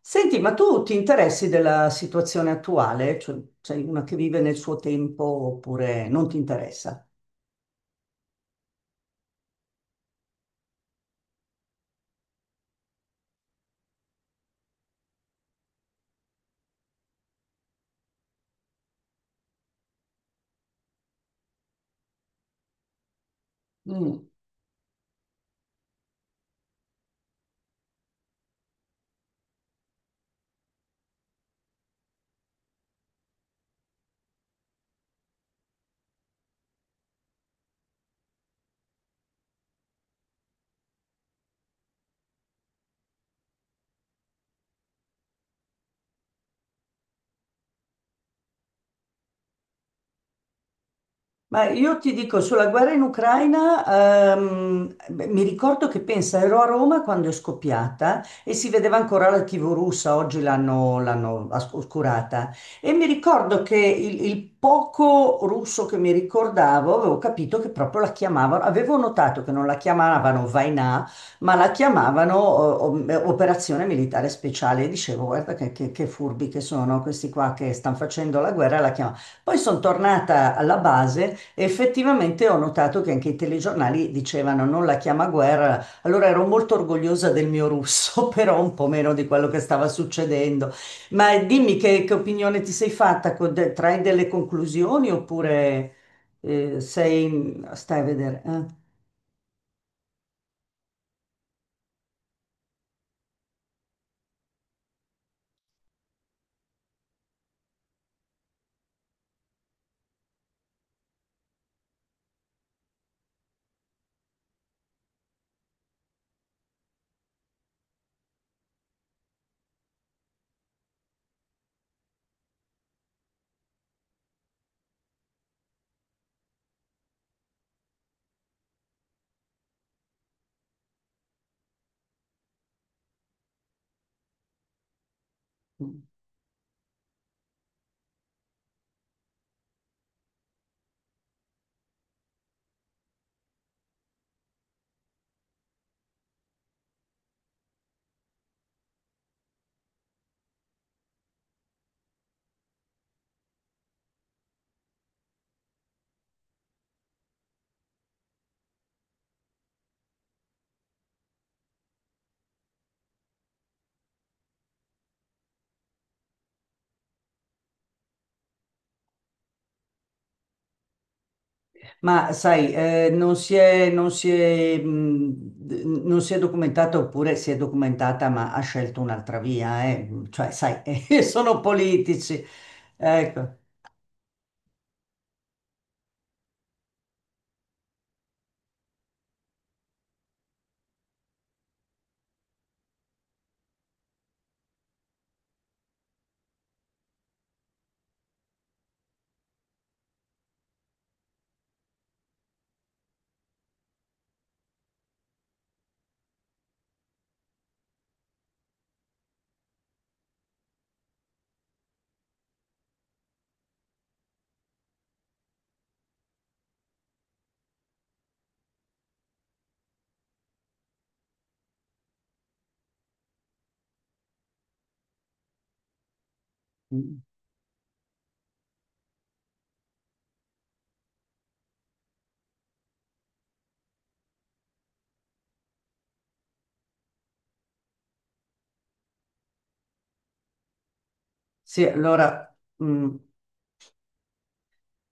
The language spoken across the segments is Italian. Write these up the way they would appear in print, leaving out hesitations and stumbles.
Senti, ma tu ti interessi della situazione attuale? Cioè, sei una che vive nel suo tempo oppure non ti interessa? Mm. Ma io ti dico, sulla guerra in Ucraina, beh, mi ricordo che pensa, ero a Roma quando è scoppiata e si vedeva ancora la TV russa, oggi l'hanno oscurata. E mi ricordo che il poco russo che mi ricordavo, avevo capito che proprio la chiamavano, avevo notato che non la chiamavano Vainà, ma la chiamavano Operazione Militare Speciale. E dicevo, guarda che furbi che sono questi qua che stanno facendo la guerra, la chiamavano. Poi sono tornata alla base e effettivamente ho notato che anche i telegiornali dicevano non la chiama guerra, allora ero molto orgogliosa del mio russo, però un po' meno di quello che stava succedendo. Ma dimmi che opinione ti sei fatta, trai delle conclusioni oppure sei, stai a vedere. Eh? Ma sai, non si è documentata oppure si è documentata ma ha scelto un'altra via, eh. Cioè, sai, sono politici. Ecco. Sì, allora... mm.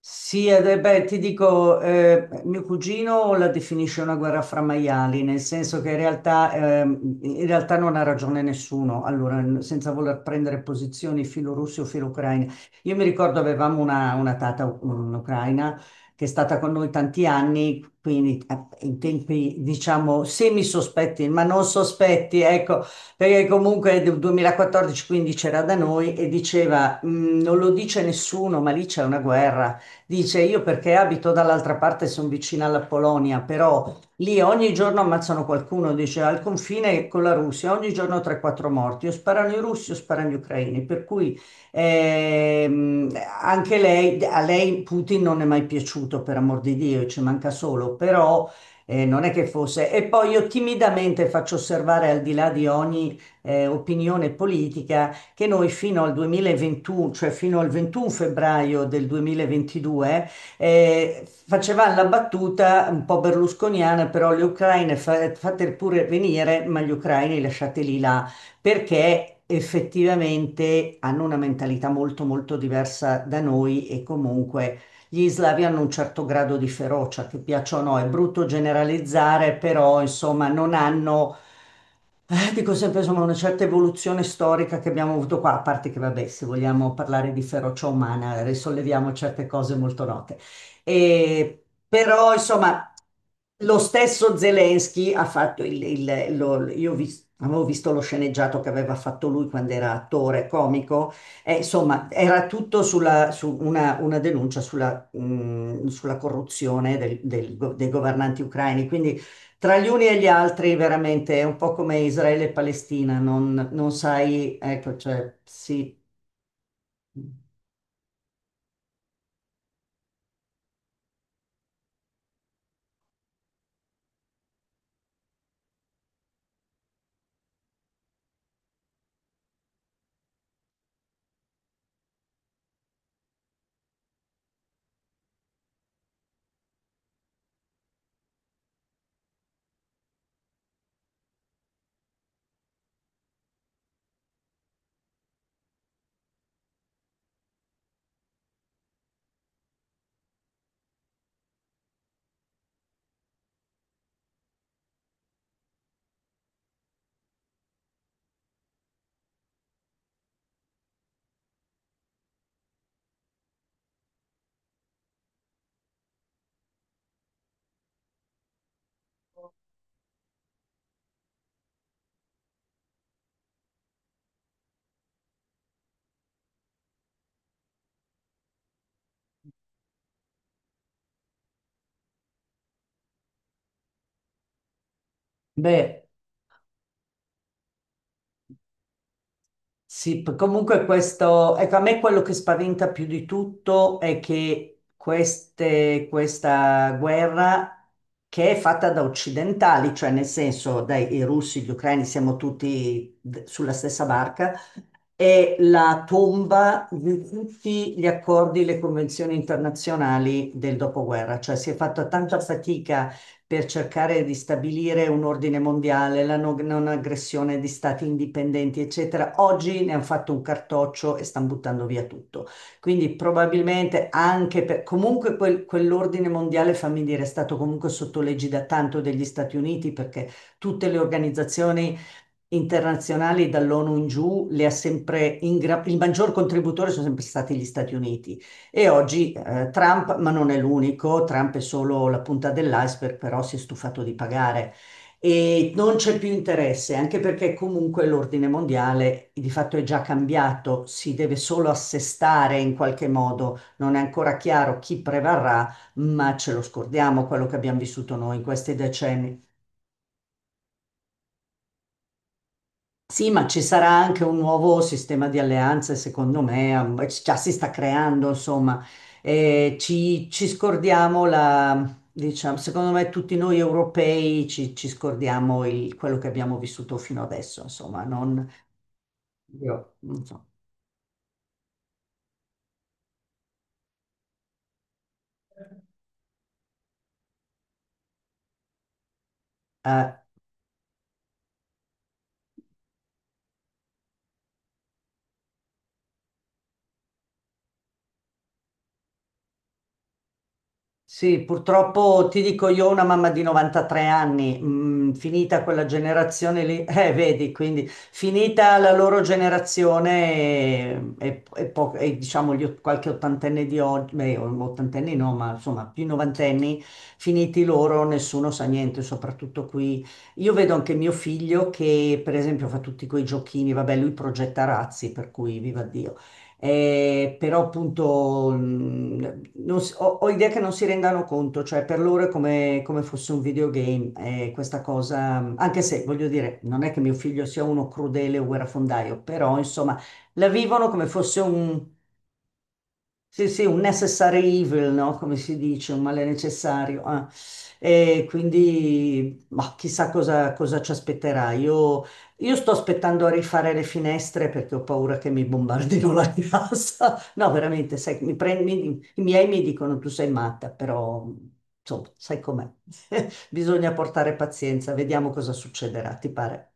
Sì, ed è, beh, ti dico, mio cugino la definisce una guerra fra maiali, nel senso che in realtà non ha ragione nessuno, allora, n- senza voler prendere posizioni filo russe o filo ucraine. Io mi ricordo avevamo una tata un'ucraina che è stata con noi tanti anni, quindi in tempi, diciamo, semi-sospetti, ma non sospetti, ecco, perché comunque nel 2014-15 era da noi e diceva, "Mm, non lo dice nessuno, ma lì c'è una guerra. Dice, io perché abito dall'altra parte, sono vicina alla Polonia, però lì ogni giorno ammazzano qualcuno, dice, al confine con la Russia, ogni giorno 3-4 morti, o sparano i russi o sparano gli ucraini, per cui ehm, anche lei, a lei Putin non è mai piaciuto, per amor di Dio, ci manca solo, però non è che fosse. E poi io timidamente faccio osservare, al di là di ogni opinione politica, che noi fino al 2021, cioè fino al 21 febbraio del 2022, facevamo la battuta un po' berlusconiana, però gli ucraini fate pure venire, ma gli ucraini lasciateli là, perché effettivamente hanno una mentalità molto molto diversa da noi e comunque gli slavi hanno un certo grado di ferocia, che piaccia o no, è brutto generalizzare, però insomma non hanno dico sempre, insomma, una certa evoluzione storica che abbiamo avuto qua, a parte che, vabbè, se vogliamo parlare di ferocia umana, risolleviamo certe cose molto note. E- Però, insomma, lo stesso Zelensky ha fatto io avevo visto lo sceneggiato che aveva fatto lui quando era attore comico, e, insomma, era tutto una denuncia sulla, sulla corruzione dei governanti ucraini. Quindi tra gli uni e gli altri veramente è un po' come Israele e Palestina, non, non sai, ecco, cioè, sì, beh. Sì, p- comunque questo, ecco, a me quello che spaventa più di tutto è che queste, questa guerra che è fatta da occidentali, cioè nel senso dai i russi, gli ucraini, siamo tutti sulla stessa barca, è la tomba di tutti gli accordi, le convenzioni internazionali del dopoguerra, cioè si è fatta tanta fatica per cercare di stabilire un ordine mondiale, la non aggressione di stati indipendenti, eccetera. Oggi ne hanno fatto un cartoccio e stanno buttando via tutto. Quindi probabilmente anche per... Comunque quell'ordine mondiale, fammi dire, è stato comunque sotto da tanto degli Stati Uniti perché tutte le organizzazioni internazionali dall'ONU in giù le ha sempre... ingra- Il maggior contributore sono sempre stati gli Stati Uniti. E oggi Trump, ma non è l'unico, Trump è solo la punta dell'iceberg, però si è stufato di pagare e non c'è più interesse, anche perché comunque l'ordine mondiale di fatto è già cambiato, si deve solo assestare in qualche modo, non è ancora chiaro chi prevarrà, ma ce lo scordiamo quello che abbiamo vissuto noi in questi decenni. Sì, ma ci sarà anche un nuovo sistema di alleanze, secondo me, am- già si sta creando, insomma, eh, ci scordiamo la, diciamo, secondo me tutti noi europei ci scordiamo quello che abbiamo vissuto fino adesso, insomma, non io, non so. Eh, Sì, purtroppo ti dico io ho una mamma di 93 anni, mm, finita quella generazione lì, vedi, quindi finita la loro generazione e, diciamo gli, qualche ottantenne di oggi, beh, ottantenni no, ma insomma più novantenni, finiti loro, nessuno sa niente, soprattutto qui. Io vedo anche mio figlio che per esempio fa tutti quei giochini, vabbè, lui progetta razzi, per cui viva Dio. Però appunto mm, non si- ho, ho idea che non si rendano conto, cioè per loro è come, come fosse un videogame, e questa cosa, mm, anche se voglio dire, non è che mio figlio sia uno crudele o guerrafondaio, però insomma la vivono come fosse un sì, sì, un necessary evil, no? Come si dice, un male necessario. Ah. E quindi, ma chissà cosa, cosa ci aspetterà. Io sto aspettando a rifare le finestre perché ho paura che mi bombardino la casa. No, veramente, sai, i miei mi dicono tu sei matta, però, insomma, sai com'è. Bisogna portare pazienza, vediamo cosa succederà, ti pare?